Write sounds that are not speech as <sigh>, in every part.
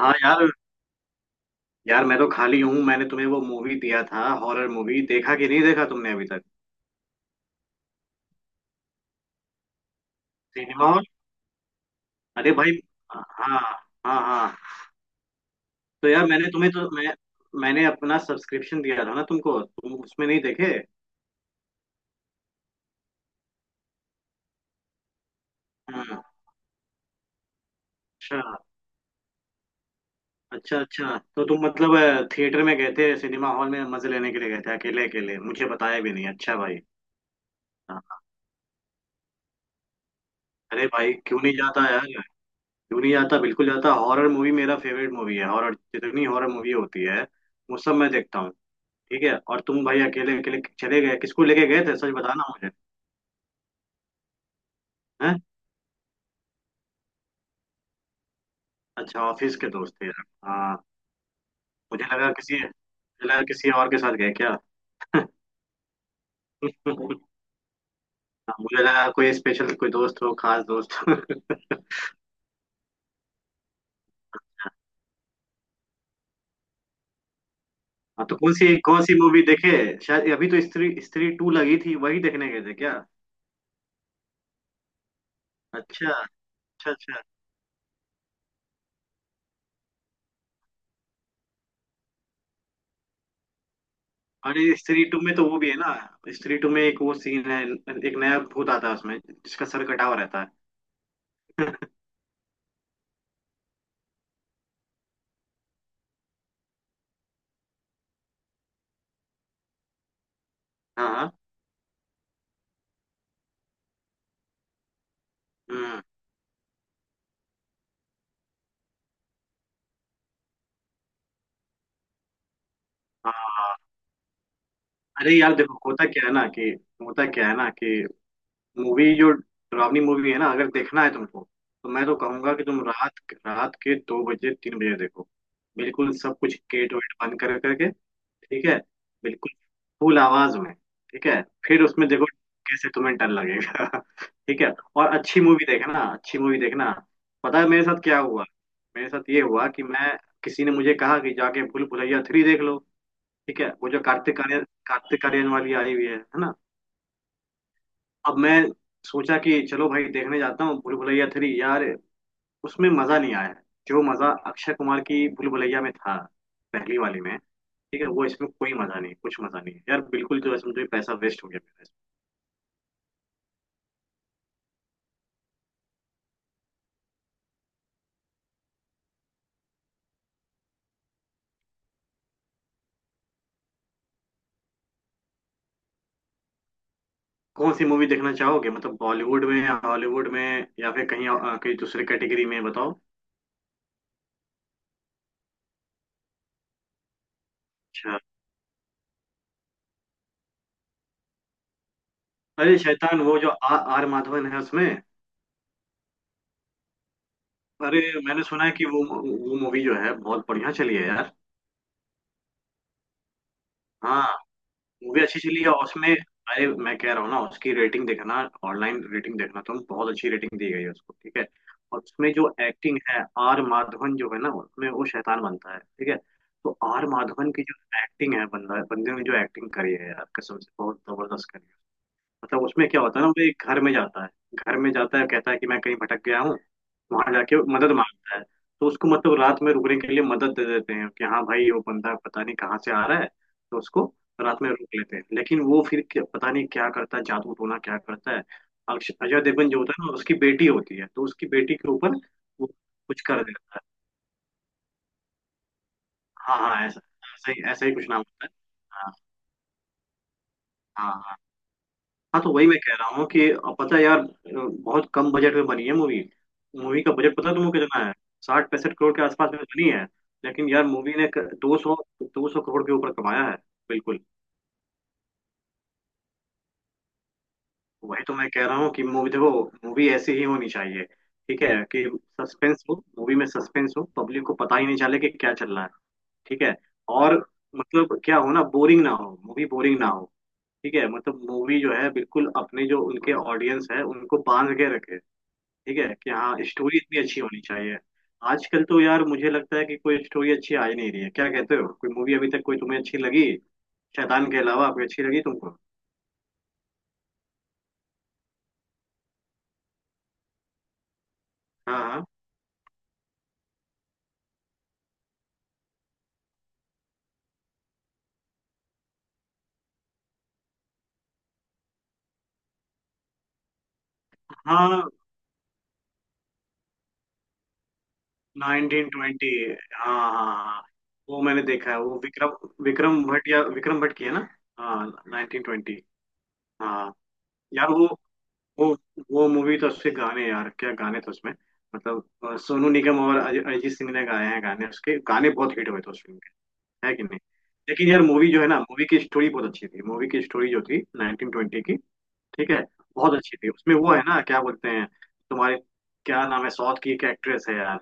हाँ यार यार मैं तो खाली हूँ। मैंने तुम्हें वो मूवी दिया था, हॉरर मूवी। देखा कि नहीं देखा तुमने अभी तक? Cinema hall? अरे भाई। हाँ। हाँ हाँ। तो यार मैंने तुम्हें तो मैं मैंने अपना सब्सक्रिप्शन दिया था ना तुमको, तुम उसमें नहीं देखे? हाँ। अच्छा अच्छा अच्छा। तो तुम मतलब थिएटर में गए थे, सिनेमा हॉल में मजे लेने के लिए गए थे, अकेले अकेले। मुझे बताया भी नहीं, अच्छा भाई। हाँ। अरे भाई क्यों नहीं जाता यार, क्यों नहीं जाता, बिल्कुल जाता। हॉरर मूवी मेरा फेवरेट मूवी है। हॉरर जितनी हॉरर मूवी होती है वो सब मैं देखता हूँ। ठीक है। और तुम भाई अकेले अकेले चले गए, किसको लेके गए थे? सच बताना मुझे। हैं? अच्छा, ऑफिस के दोस्त थे यार। हाँ, मुझे लगा किसी और के साथ गए क्या? <laughs> हाँ। मुझे लगा कोई स्पेशल, कोई दोस्त हो, खास दोस्त। <laughs> हाँ तो कौन सी मूवी देखे? शायद अभी तो स्त्री स्त्री टू लगी थी, वही देखने गए थे क्या? अच्छा अच्छा अच्छा। अरे स्त्री टू में तो वो भी है ना, स्त्री टू में एक वो सीन है, एक नया भूत आता है उसमें जिसका सर कटा हुआ रहता है। हाँ हाँ। हम्म। हाँ हाँ। अरे यार देखो, होता क्या है ना कि होता क्या है ना कि मूवी जो डरावनी मूवी है ना, अगर देखना है तुमको, तो मैं तो कहूंगा कि तुम रात रात के दो बजे, तीन बजे देखो। बिल्कुल सब कुछ गेट वेट बंद कर करके। ठीक है। बिल्कुल। फुल आवाज में। ठीक है। फिर उसमें देखो कैसे तुम्हें डर लगेगा। <laughs> ठीक है। और अच्छी मूवी देखना, अच्छी मूवी देखना। पता है मेरे साथ क्या हुआ? मेरे साथ ये हुआ कि मैं किसी ने मुझे कहा कि जाके भूल भुलैया थ्री देख लो। ठीक है, वो जो कार्तिक आर्यन वाली आई हुई है ना। अब मैं सोचा कि चलो भाई देखने जाता हूँ भूल भुलैया थ्री यार। उसमें मजा नहीं आया, जो मजा अक्षय कुमार की भूल भुलैया में था, पहली वाली में। ठीक है, वो इसमें कोई मजा नहीं, कुछ मजा नहीं है यार, बिल्कुल जो है, समझो पैसा वेस्ट हो गया मेरा इसमें। कौन सी मूवी देखना चाहोगे? मतलब बॉलीवुड में या हॉलीवुड में, या फिर कहीं कहीं दूसरी कैटेगरी में बताओ। अच्छा। अरे शैतान, वो जो आर माधवन है उसमें? अरे मैंने सुना है कि वो मूवी जो है बहुत बढ़िया चली है यार। हाँ मूवी अच्छी चली है, और उसमें, अरे मैं कह रहा हूँ ना, उसकी रेटिंग देखना, ऑनलाइन रेटिंग देखना तुम, बहुत अच्छी रेटिंग दी गई है उसको, ठीक है। और उसमें जो एक्टिंग है, आर माधवन जो है ना उसमें, वो शैतान बनता है, ठीक है। तो आर माधवन की जो एक्टिंग है, बंदा बंदे ने जो एक्टिंग करी है यार, कसम से बहुत जबरदस्त करी है। मतलब उसमें क्या होता है ना, वो एक घर में जाता है। घर में जाता है, कहता है कि मैं कहीं भटक गया हूँ, वहां जाके मदद मांगता है। तो उसको मतलब रात में रुकने के लिए मदद दे देते हैं कि हाँ भाई, वो बंदा पता नहीं कहाँ से आ रहा है, तो उसको रात में रोक लेते हैं। लेकिन वो फिर क्या- पता नहीं क्या करता है, जादू टोना क्या करता है। अजय देवगन जो होता है ना, उसकी बेटी होती है, तो उसकी बेटी के ऊपर वो कुछ कर देता है। हाँ हाँ, ऐसा, ऐसा ही कुछ नाम होता है। हाँ हाँ हाँ। हाँ तो वही मैं कह रहा हूँ कि, अब पता है यार, बहुत कम बजट में बनी है मूवी। मूवी का बजट पता है तुमको कितना है? 60-65 करोड़ के आसपास में बनी है। लेकिन यार मूवी ने 200 करोड़ के ऊपर कमाया है। बिल्कुल। वही तो मैं कह रहा हूँ कि मूवी देखो। मूवी ऐसी ही होनी चाहिए, ठीक है, कि सस्पेंस हो, मूवी में सस्पेंस हो, पब्लिक को पता ही नहीं चले कि क्या चल रहा है। ठीक है। और मतलब क्या हो ना, बोरिंग ना हो, मूवी बोरिंग ना हो। ठीक है, मतलब मूवी जो है बिल्कुल अपने जो उनके ऑडियंस है उनको बांध के रखे, ठीक है, कि हाँ, स्टोरी इतनी अच्छी होनी चाहिए। आजकल तो यार मुझे लगता है कि कोई स्टोरी अच्छी आ ही नहीं रही है। क्या कहते हो? कोई मूवी अभी तक कोई तुम्हें अच्छी लगी? शैतान के अलावा कोई अच्छी लगी तुमको? हाँ हाँ, 1920। हाँ हाँ हाँ हाँ। वो मैंने देखा है, वो विक्रम विक्रम भट्ट या विक्रम भट्ट की है ना। हाँ, 1920। हाँ यार, वो वो मूवी तो, उसके गाने यार, क्या गाने थे उसमें, मतलब, सोनू निगम और अरिजीत सिंह ने गाए हैं गाने, उसके गाने बहुत हिट हुए थे उस film। है कि नहीं? लेकिन यार मूवी जो है ना, मूवी की स्टोरी बहुत अच्छी थी, मूवी की स्टोरी जो थी 1920 की। ठीक है, बहुत अच्छी थी। उसमें वो है ना, क्या बोलते हैं तुम्हारे, क्या नाम है, साउथ की एक एक्ट्रेस है यार,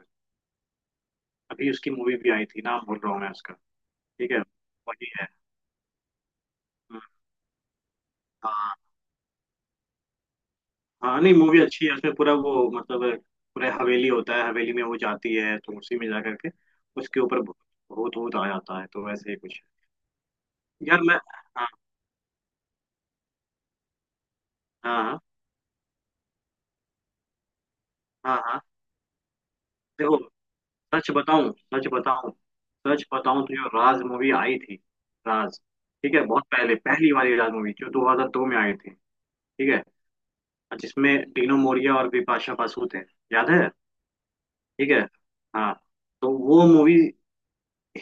अभी उसकी मूवी भी आई थी, नाम भूल रहा हूँ मैं उसका। ठीक है, वही है। हम्म। हाँ हाँ, नहीं मूवी अच्छी है उसमें, पूरा वो मतलब, पूरा हवेली होता है, हवेली में वो जाती है, तो उसी में जा करके उसके ऊपर भूत भूत भूत आ जाता है, तो वैसे ही कुछ। यार मैं हाँ हाँ हाँ हाँ हाँ। देखो, सच बताऊं, तो जो राज मूवी आई थी, राज। ठीक है, बहुत पहले पहली वाली राज मूवी जो 2002 में आई थी। ठीक है, और जिसमें टीनू मोरिया और बिपाशा बसु थे, याद है? ठीक है। हाँ, तो वो मूवी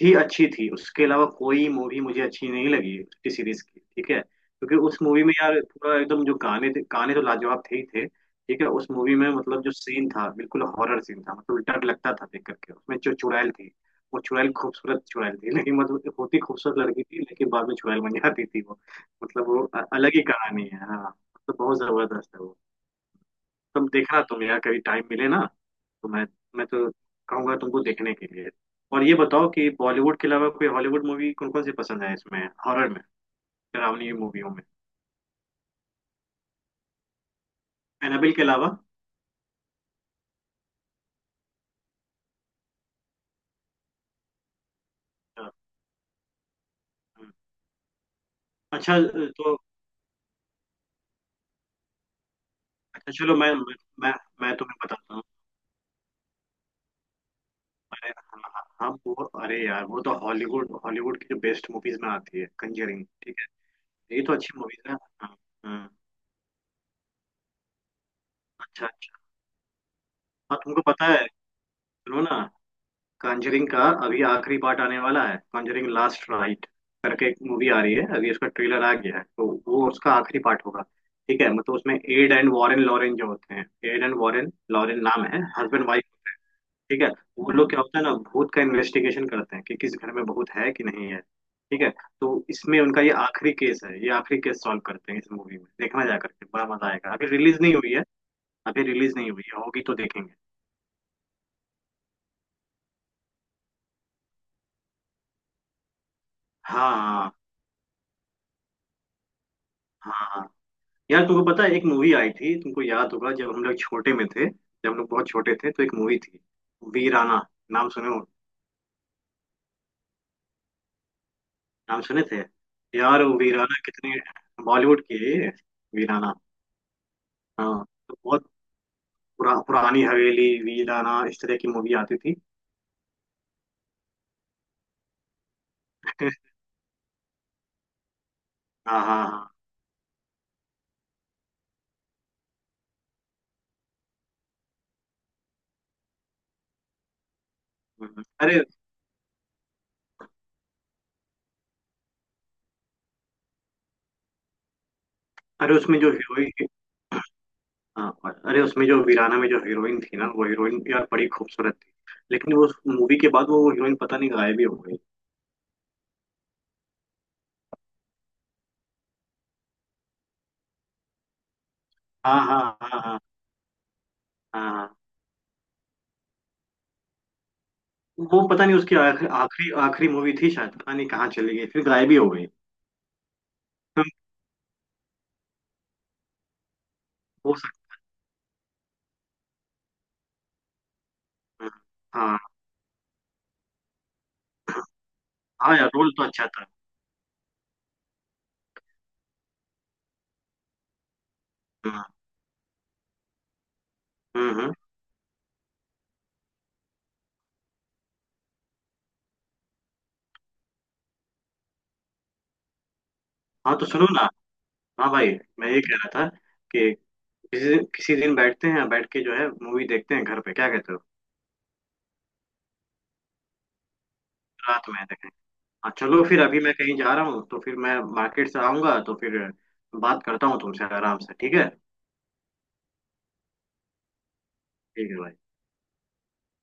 ही अच्छी थी, उसके अलावा कोई मूवी मुझे अच्छी नहीं लगी उसकी सीरीज की। ठीक है, क्योंकि उस मूवी में यार पूरा एकदम, जो गाने थे गाने तो लाजवाब थे ही थे। ठीक है, उस मूवी में मतलब जो सीन था बिल्कुल हॉरर सीन था, मतलब डर लगता था देख करके। उसमें जो चुड़ैल थी, वो चुड़ैल खूबसूरत चुड़ैल थी। <laughs> लेकिन मतलब होती खूबसूरत लड़की थी, लेकिन बाद में चुड़ैल बन जाती थी वो। मतलब वो अलग ही कहानी है, हाँ, मतलब बहुत जबरदस्त है वो। तुम देखना, तुम यार, कभी टाइम मिले ना, तो मैं तो कहूंगा तुमको देखने के लिए। और ये बताओ कि बॉलीवुड के अलावा कोई हॉलीवुड मूवी कौन कौन सी पसंद है, इसमें हॉरर में, डरावनी मूवियों में? एनाबेल के अलावा? अ, अच्छा, तो अच्छा चलो, मैं मैं तुम्हें बताता हूँ। अरे हाँ हाँ, हाँ, वो, अरे यार वो तो हॉलीवुड हॉलीवुड की जो बेस्ट मूवीज में आती है, कंजरिंग, ठीक है, ये तो अच्छी मूवीज है। हाँ। हाँ, अच्छा अच्छा। हाँ, तुमको पता है, सुनो ना, कॉन्जरिंग का अभी आखिरी पार्ट आने वाला है। कॉन्जरिंग लास्ट राइट करके एक मूवी आ रही है, अभी उसका ट्रेलर आ गया है, तो वो उसका आखिरी पार्ट होगा। ठीक है, मतलब उसमें एड एंड वॉरेन लॉरेन जो होते हैं, एड एंड वॉरेन लॉरेन नाम है, हस्बैंड वाइफ। ठीक है। वो लोग क्या होता है ना, भूत का इन्वेस्टिगेशन करते हैं कि किस घर में भूत है कि नहीं है। ठीक है। तो इसमें उनका ये आखिरी केस है, ये आखिरी केस सॉल्व करते हैं इस मूवी में, देखना, जा करके बड़ा मजा आएगा। अभी रिलीज नहीं हुई है। अभी रिलीज नहीं हुई है, होगी तो देखेंगे। हाँ हाँ हाँ। यार तुमको पता है, एक मूवी आई थी, तुमको याद होगा, जब हम लोग छोटे में थे, जब हम लोग बहुत छोटे थे, तो एक मूवी थी वीराना, नाम सुने हो? नाम सुने थे? यार वो वीराना कितने, बॉलीवुड की है ये? वीराना। हाँ, तो बहुत पुरानी हवेली, वीराना, इस तरह की मूवी आती थी। <laughs> हाँ हाँ हाँ। हम्म। अरे, अरे उसमें जो हीरोइन, हाँ, अरे उसमें जो वीराना में जो हीरोइन थी ना, वो हीरोइन यार बड़ी खूबसूरत थी। लेकिन वो मूवी के बाद वो हीरोइन पता नहीं गायब ही हो गई। हाँ हाँ हाँ हाँ हाँ हाँ। वो पता नहीं उसकी आखिरी आखिरी आखिरी मूवी थी शायद, पता नहीं कहाँ चली गई, फिर गायब ही हो गई। हम्म। हो सकता है। हाँ। हाँ यार रोल तो अच्छा था। हम्म हम्म हम्म। हाँ तो सुनो ना, हाँ भाई, मैं ये कह रहा था कि, किसी दिन बैठते हैं, बैठ के जो है मूवी देखते हैं घर पे, क्या कहते हो? रात में देखें। हाँ चलो फिर, अभी मैं कहीं जा रहा हूँ, तो फिर मैं मार्केट से आऊंगा तो फिर बात करता हूँ तुमसे आराम से, ठीक है। ठीक है भाई।